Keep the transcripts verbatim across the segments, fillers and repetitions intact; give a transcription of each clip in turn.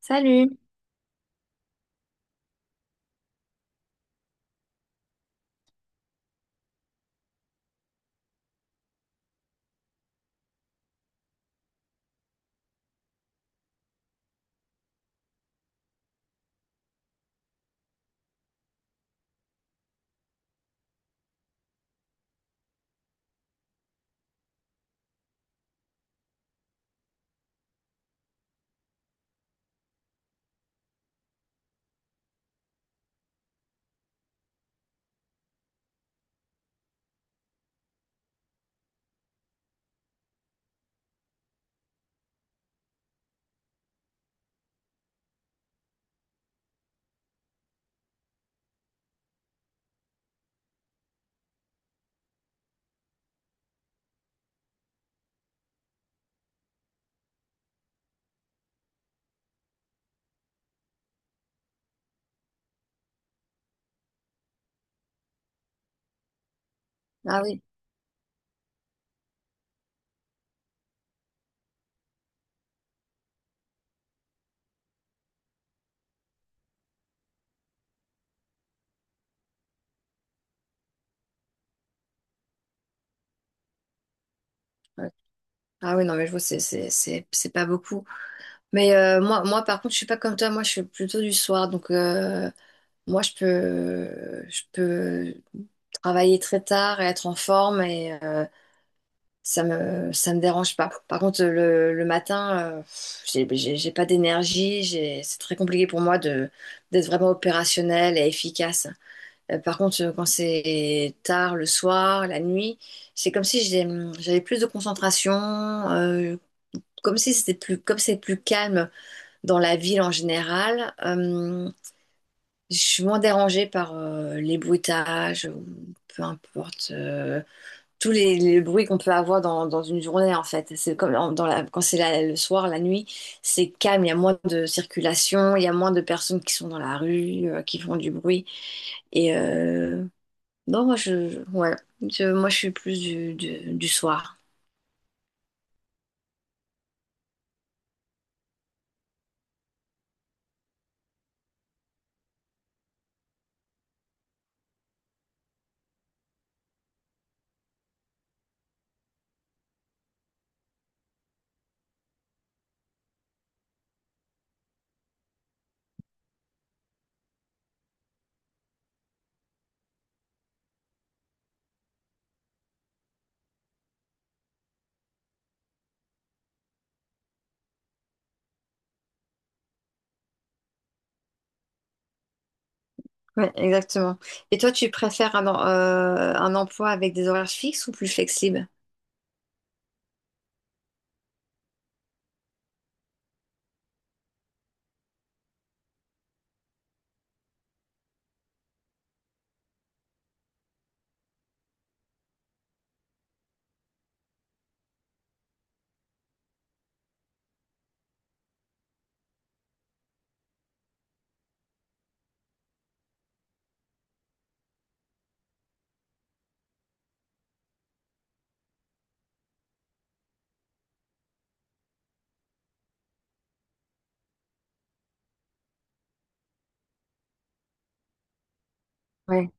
Salut. Ah oui. Ouais. Ah oui, non, mais je vois, c'est c'est- c'est- c'est pas beaucoup. Mais euh, moi, moi, par contre, je suis pas comme toi. Moi, je suis plutôt du soir. Donc, euh, moi, je peux, je peux travailler très tard et être en forme et euh, ça me, ça me dérange pas. Par contre, le, le matin, euh, pff, j'ai j'ai- j'ai pas d'énergie. j'ai- C'est très compliqué pour moi de, d'être vraiment opérationnelle et efficace. Euh, par contre, euh, quand c'est tard, le soir, la nuit, c'est comme si j'ai- hum, j'avais plus de concentration, euh, comme si c'était plus, comme c'est plus calme dans la ville en général. Euh, je suis moins dérangée par euh, les bruitages, ou peu importe, euh, tous les, les bruits qu'on peut avoir dans, dans une journée en fait. C'est comme en- dans la, quand c'est la- le soir, la nuit, c'est calme, il y a moins de circulation, il y a moins de personnes qui sont dans la rue, euh, qui font du bruit. Et euh, non, moi, je, voilà. Je- moi, je suis plus du, du, du soir. Ouais, exactement. Et toi, tu préfères un, en- euh, un emploi avec des horaires fixes ou plus flexibles? Ouais.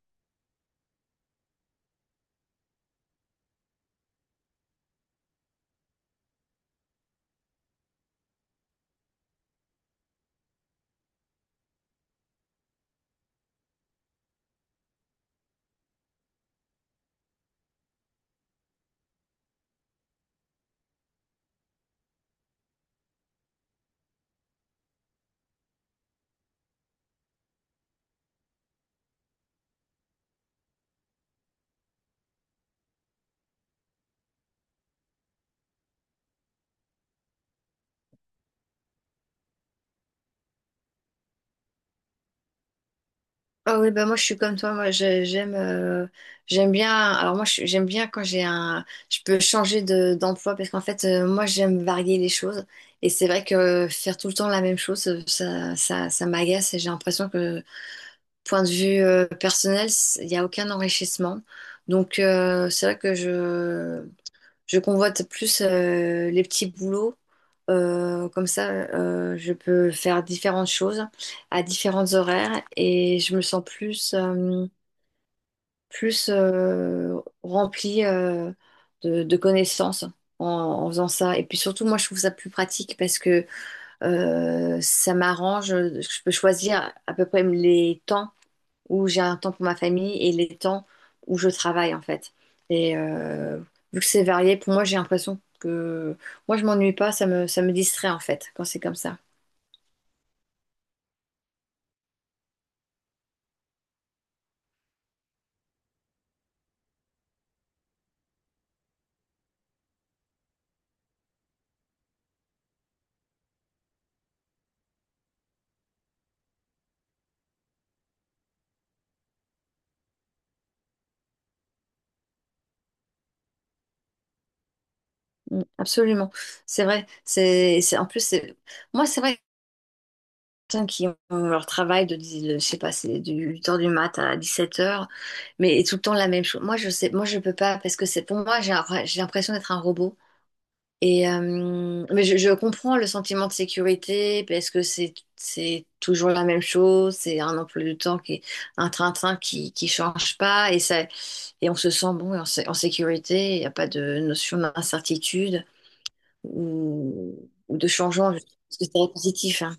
Ah oui, bah moi, je suis comme toi. Moi, je- j'aime euh, j'aime bien. Alors, moi, je- j'aime bien quand j'ai un. Je peux changer de, d'emploi parce qu'en fait, euh, moi, j'aime varier les choses. Et c'est vrai que faire tout le temps la même chose, euh, ça, ça, ça m'agace et j'ai l'impression que, point de vue euh, personnel, c- il n'y a aucun enrichissement. Donc, euh, c'est vrai que je. Je convoite plus euh, les petits boulots. Euh, comme ça, euh, je peux faire différentes choses à différents horaires et je me sens plus, euh, plus euh, remplie euh, de, de connaissances en, en faisant ça. Et puis surtout, moi, je trouve ça plus pratique parce que euh, ça m'arrange. Je peux choisir à peu près les temps où j'ai un temps pour ma famille et les temps où je travaille en fait. Et euh, vu que c'est varié, pour moi j'ai l'impression que moi je m'ennuie pas, ça me, ça me distrait en fait quand c'est comme ça. Mm, absolument, c'est vrai. C'est, c'est- en plus c'est moi c'est vrai. Que les Personnes qui ont leur travail de, dix- de- je sais pas, c'est du huit heures du mat à dix-sept heures, mais tout le temps la même chose. Moi, je sais, moi, je peux pas parce que c'est pour moi, j'ai j'ai l'impression d'être un robot. Et euh, mais je, je comprends le sentiment de sécurité parce que c'est c'est toujours la même chose, c'est un emploi du temps qui est un train-train qui qui change pas et ça et on se sent bon et en, sé- en sécurité, il n'y a pas de notion d'incertitude ou, ou de changeant, parce que c'est très positif, hein.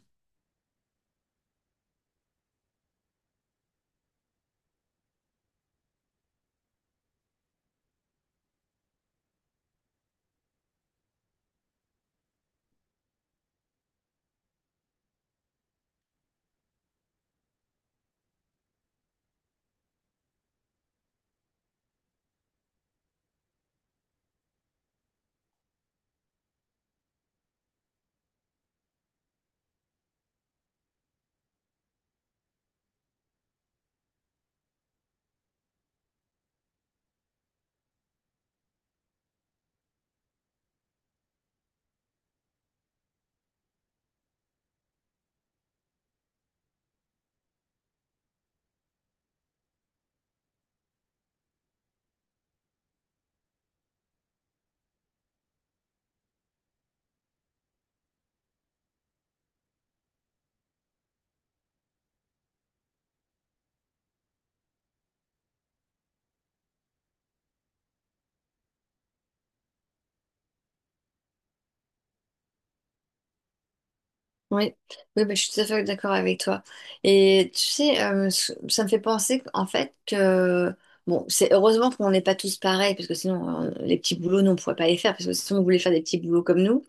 Oui, oui bah, je suis tout à fait d'accord avec toi. Et tu sais, euh, s- ça me fait penser qu'en fait que, bon, c'est heureusement qu'on n'est pas tous pareils, parce que sinon, euh, les petits boulots, nous, on ne pourrait pas les faire, parce que si on voulait faire des petits boulots comme nous,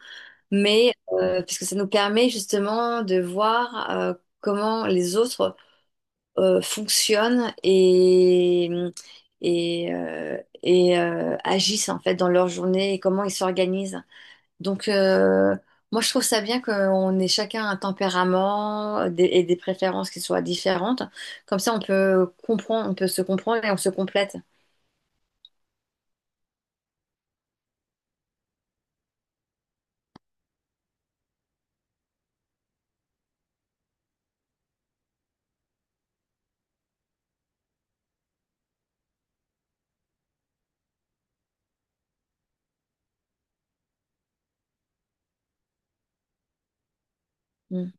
mais euh, parce que ça nous permet justement de voir euh, comment les autres euh, fonctionnent et, et, euh, et euh, agissent en fait dans leur journée et comment ils s'organisent. Donc, euh, moi, je trouve ça bien qu'on ait chacun un tempérament des- et des préférences qui soient différentes. Comme ça, on peut comprendre, on peut se comprendre et on se complète. Mm.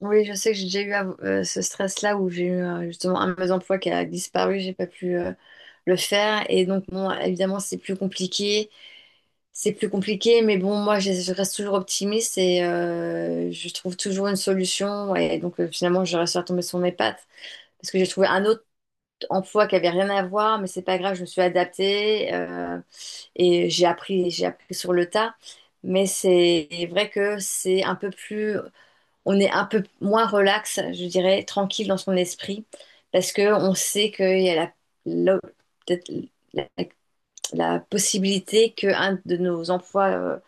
Oui, je sais que j'ai déjà eu à- euh, ce stress-là où j'ai eu euh, justement un de mes emplois qui a disparu, j'ai pas pu euh, le faire. Et donc, bon, évidemment, c'est plus compliqué. C'est plus compliqué, mais bon, moi, je, je reste toujours optimiste et euh, je trouve toujours une solution. Et donc, euh, finalement, je reste retombée sur mes pattes parce que j'ai trouvé un autre emploi qui avait rien à voir, mais c'est pas grave, je me suis adaptée, euh, et j'ai appris, j'ai appris sur le tas. Mais c'est vrai que c'est un peu plus, on est un peu moins relax, je dirais, tranquille dans son esprit, parce que on sait qu'il y a la, la- peut-être la- la possibilité que un de nos emplois euh,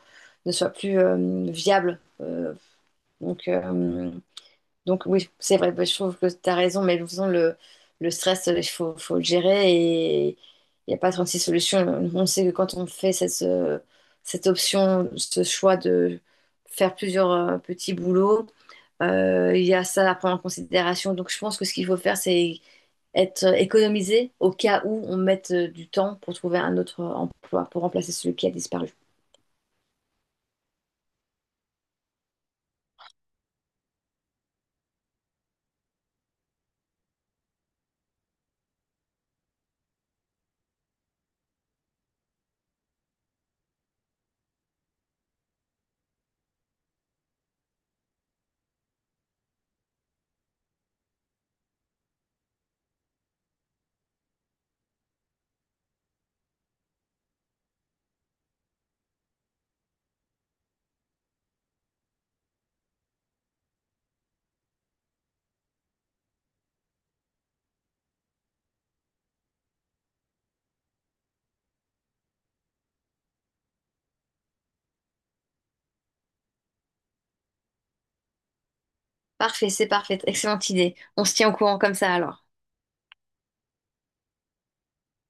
ne soit plus euh, viable. Euh, donc, euh, donc oui, c'est vrai, bah, je trouve que tu as raison, mais de toute façon, le, le stress, euh, il faut, faut le gérer et il n'y a pas trente-six solutions. On sait que quand on fait cette, euh, cette option, ce choix de faire plusieurs euh, petits boulots, euh, il y a ça à prendre en considération. Donc je pense que ce qu'il faut faire, c'est être économisé au cas où on mette euh, du temps pour trouver un autre emploi, pour remplacer celui qui a disparu. Parfait, c'est parfait, excellente idée. On se tient au courant comme ça alors.